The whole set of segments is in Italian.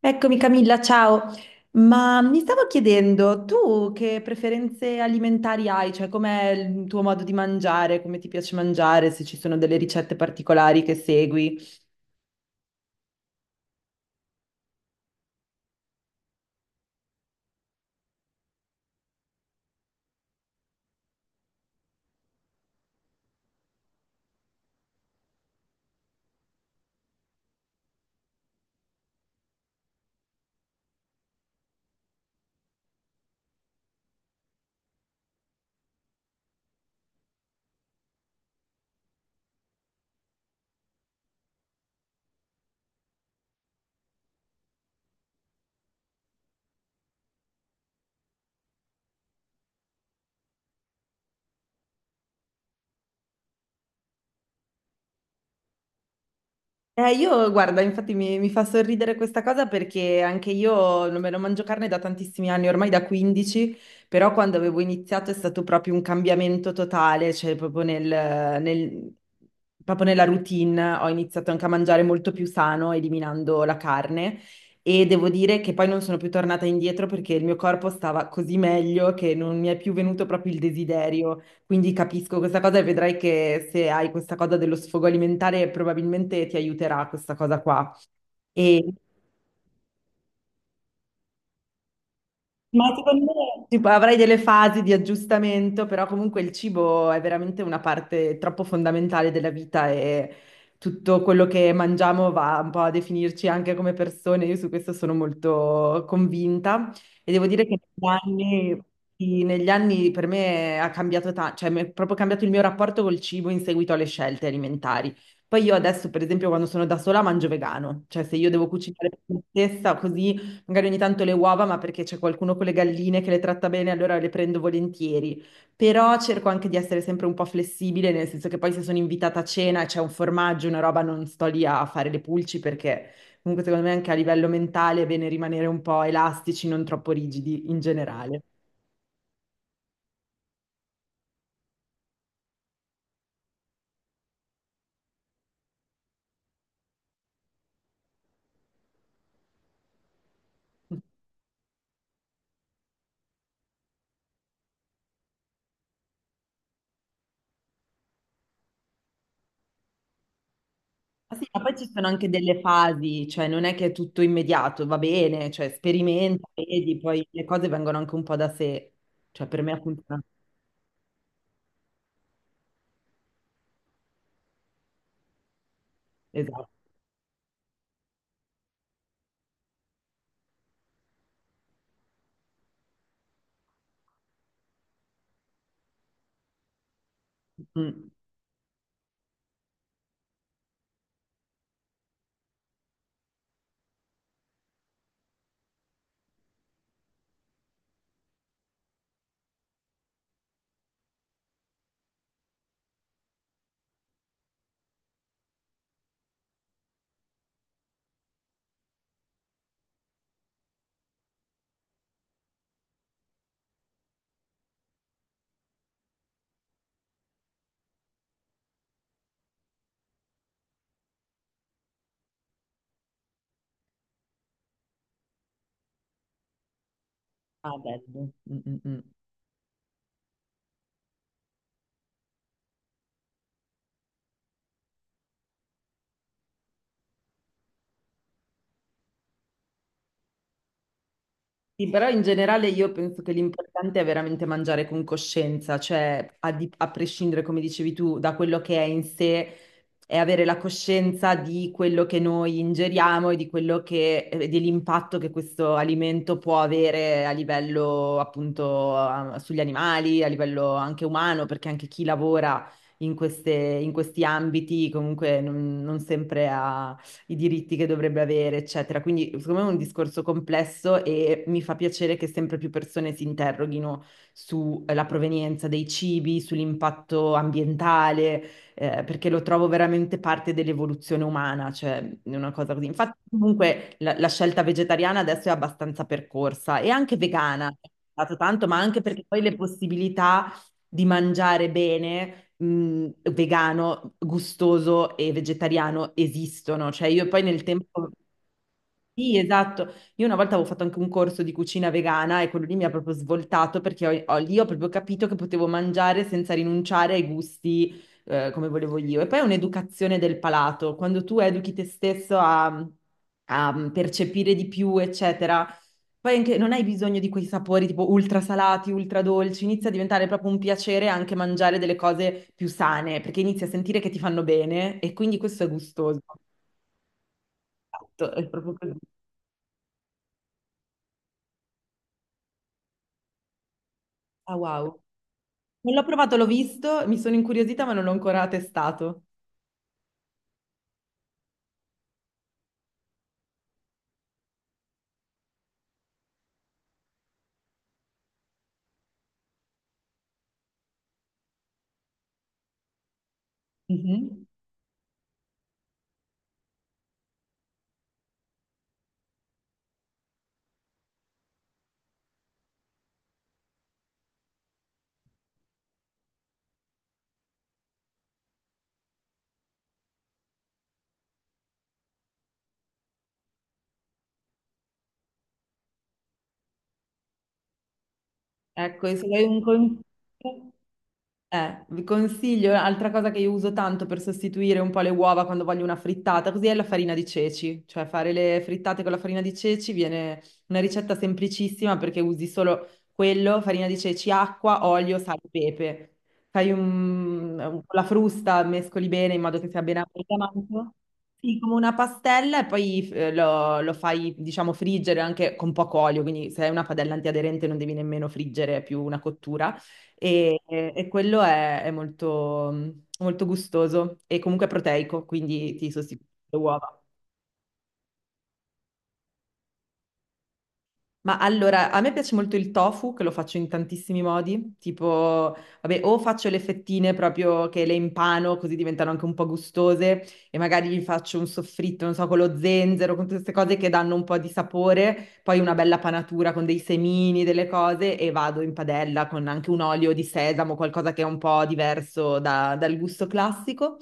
Eccomi Camilla, ciao. Ma mi stavo chiedendo, tu che preferenze alimentari hai? Cioè, com'è il tuo modo di mangiare? Come ti piace mangiare? Se ci sono delle ricette particolari che segui? Io, guarda, infatti mi fa sorridere questa cosa perché anche io non me lo mangio carne da tantissimi anni, ormai da 15. Però quando avevo iniziato è stato proprio un cambiamento totale, cioè proprio nella routine ho iniziato anche a mangiare molto più sano, eliminando la carne, e devo dire che poi non sono più tornata indietro perché il mio corpo stava così meglio che non mi è più venuto proprio il desiderio. Quindi capisco questa cosa e vedrai che se hai questa cosa dello sfogo alimentare probabilmente ti aiuterà questa cosa qua. E sì. Ma secondo me tipo, avrai delle fasi di aggiustamento, però comunque il cibo è veramente una parte troppo fondamentale della vita e tutto quello che mangiamo va un po' a definirci anche come persone. Io su questo sono molto convinta e devo dire che negli anni, sì, negli anni per me ha cambiato tanto, cioè mi è proprio cambiato il mio rapporto col cibo in seguito alle scelte alimentari. Poi io adesso, per esempio, quando sono da sola mangio vegano, cioè se io devo cucinare per me stessa così. Magari ogni tanto le uova, ma perché c'è qualcuno con le galline che le tratta bene, allora le prendo volentieri. Però cerco anche di essere sempre un po' flessibile, nel senso che poi se sono invitata a cena e c'è un formaggio, una roba, non sto lì a fare le pulci perché comunque secondo me anche a livello mentale è bene rimanere un po' elastici, non troppo rigidi in generale. Ma sì, ma poi ci sono anche delle fasi, cioè non è che è tutto immediato, va bene, cioè sperimenta, vedi, poi le cose vengono anche un po' da sé, cioè per me appunto, esatto. Mm. Ah, bello. Mm, mm, mm. Sì, però in generale io penso che l'importante è veramente mangiare con coscienza, cioè a prescindere, come dicevi tu, da quello che è in sé, è avere la coscienza di quello che noi ingeriamo e di quello che, e dell'impatto che questo alimento può avere a livello appunto sugli animali, a livello anche umano, perché anche chi lavora in queste- in questi ambiti comunque non sempre ha i diritti che dovrebbe avere, eccetera. Quindi, secondo me è un discorso complesso e mi fa piacere che sempre più persone si interroghino sulla provenienza dei cibi, sull'impatto ambientale, perché lo trovo veramente parte dell'evoluzione umana, cioè è una cosa così. Infatti, comunque, la scelta vegetariana adesso è abbastanza percorsa e anche vegana, è stato tanto, ma anche perché poi le possibilità di mangiare bene vegano, gustoso e vegetariano esistono. Cioè, io poi nel tempo. Sì, esatto. Io una volta avevo fatto anche un corso di cucina vegana e quello lì mi ha proprio svoltato perché lì ho proprio capito che potevo mangiare senza rinunciare ai gusti, come volevo io. E poi è un'educazione del palato. Quando tu educhi te stesso a percepire di più, eccetera, poi anche non hai bisogno di quei sapori tipo ultra salati, ultra dolci. Inizia a diventare proprio un piacere anche mangiare delle cose più sane perché inizi a sentire che ti fanno bene e quindi questo è gustoso. Esatto, è proprio così. Ah, wow. Non l'ho provato, l'ho visto, mi sono incuriosita, ma non l'ho ancora testato. Mhm. Ecco, e se vuoi un consiglio. Vi consiglio, altra cosa che io uso tanto per sostituire un po' le uova quando voglio una frittata, così è la farina di ceci, cioè fare le frittate con la farina di ceci viene una ricetta semplicissima perché usi solo quello, farina di ceci, acqua, olio, sale e pepe. Fai la frusta, mescoli bene in modo che sia ben amalgamato. Sì, come una pastella e poi lo fai, diciamo, friggere anche con poco olio, quindi se hai una padella antiaderente non devi nemmeno friggere, è più una cottura. E quello è molto, molto gustoso e comunque proteico, quindi ti sostituisce le uova. Ma allora, a me piace molto il tofu, che lo faccio in tantissimi modi, tipo, vabbè, o faccio le fettine proprio che le impano, così diventano anche un po' gustose, e magari gli faccio un soffritto, non so, con lo zenzero, con tutte queste cose che danno un po' di sapore, poi una bella panatura con dei semini, delle cose e vado in padella con anche un olio di sesamo, qualcosa che è un po' diverso dal gusto classico.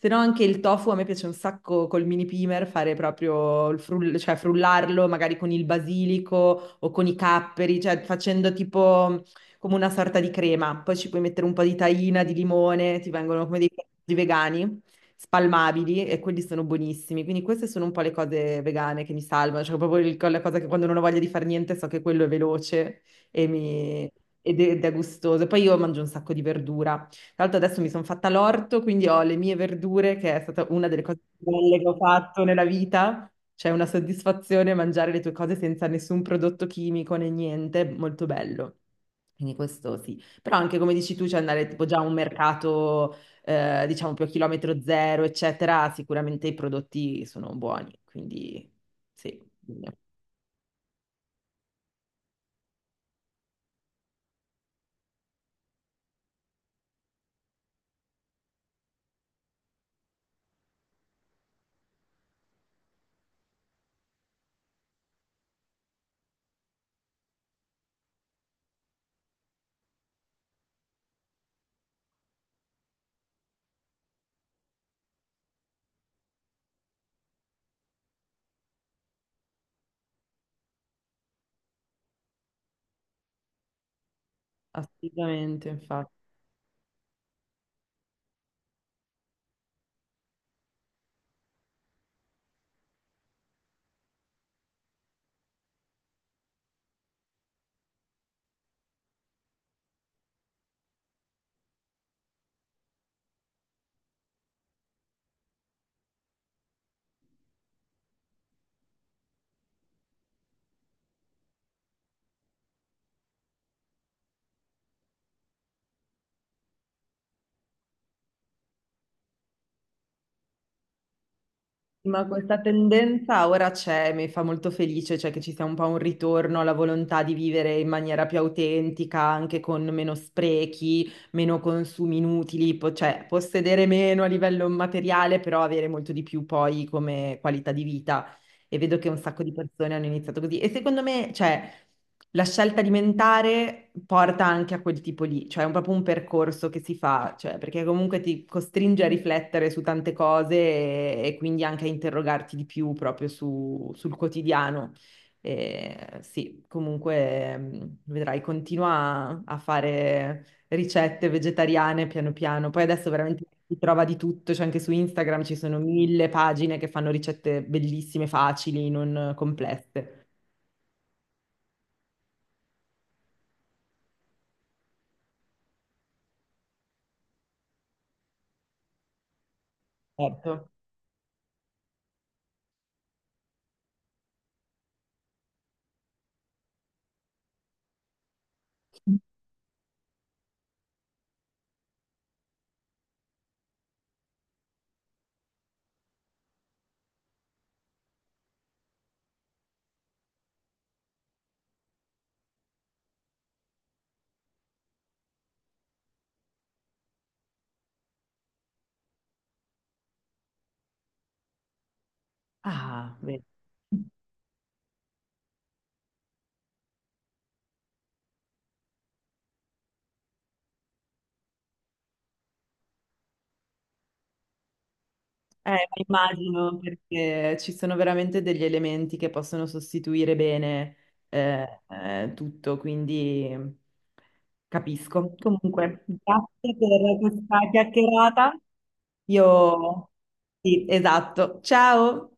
Se no anche il tofu a me piace un sacco col mini pimer fare proprio il cioè frullarlo magari con il basilico o con i capperi, cioè facendo tipo come una sorta di crema. Poi ci puoi mettere un po' di tahina, di limone, ti vengono come dei piatti vegani spalmabili e quelli sono buonissimi. Quindi queste sono un po' le cose vegane che mi salvano, cioè proprio il- la cosa che quando non ho voglia di fare niente so che quello è veloce e ed è gustoso. E poi io mangio un sacco di verdura. Tra l'altro adesso mi sono fatta l'orto, quindi ho le mie verdure, che è stata una delle cose più belle che ho fatto nella vita. C'è una soddisfazione mangiare le tue cose senza nessun prodotto chimico né niente, molto bello. Quindi questo sì. Però anche come dici tu, c'è andare tipo già a un mercato diciamo più a chilometro zero, eccetera, sicuramente i prodotti sono buoni, quindi sì, assolutamente, infatti. Ma questa tendenza ora c'è, mi fa molto felice, cioè che ci sia un po' un ritorno alla volontà di vivere in maniera più autentica, anche con meno sprechi, meno consumi inutili, cioè possedere meno a livello materiale, però avere molto di più poi come qualità di vita. E vedo che un sacco di persone hanno iniziato così. E secondo me, cioè, la scelta alimentare porta anche a quel tipo lì, cioè è proprio un percorso che si fa, cioè, perché comunque ti costringe a riflettere su tante cose e quindi anche a interrogarti di più proprio sul quotidiano. E, sì, comunque vedrai, continua a fare ricette vegetariane piano piano. Poi adesso veramente si trova di tutto, cioè anche su Instagram ci sono mille pagine che fanno ricette bellissime, facili, non complesse. Certo. Ah, vedi. Eh, ma immagino perché ci sono veramente degli elementi che possono sostituire bene tutto, quindi capisco. Comunque, grazie per questa chiacchierata. Io sì, esatto. Ciao!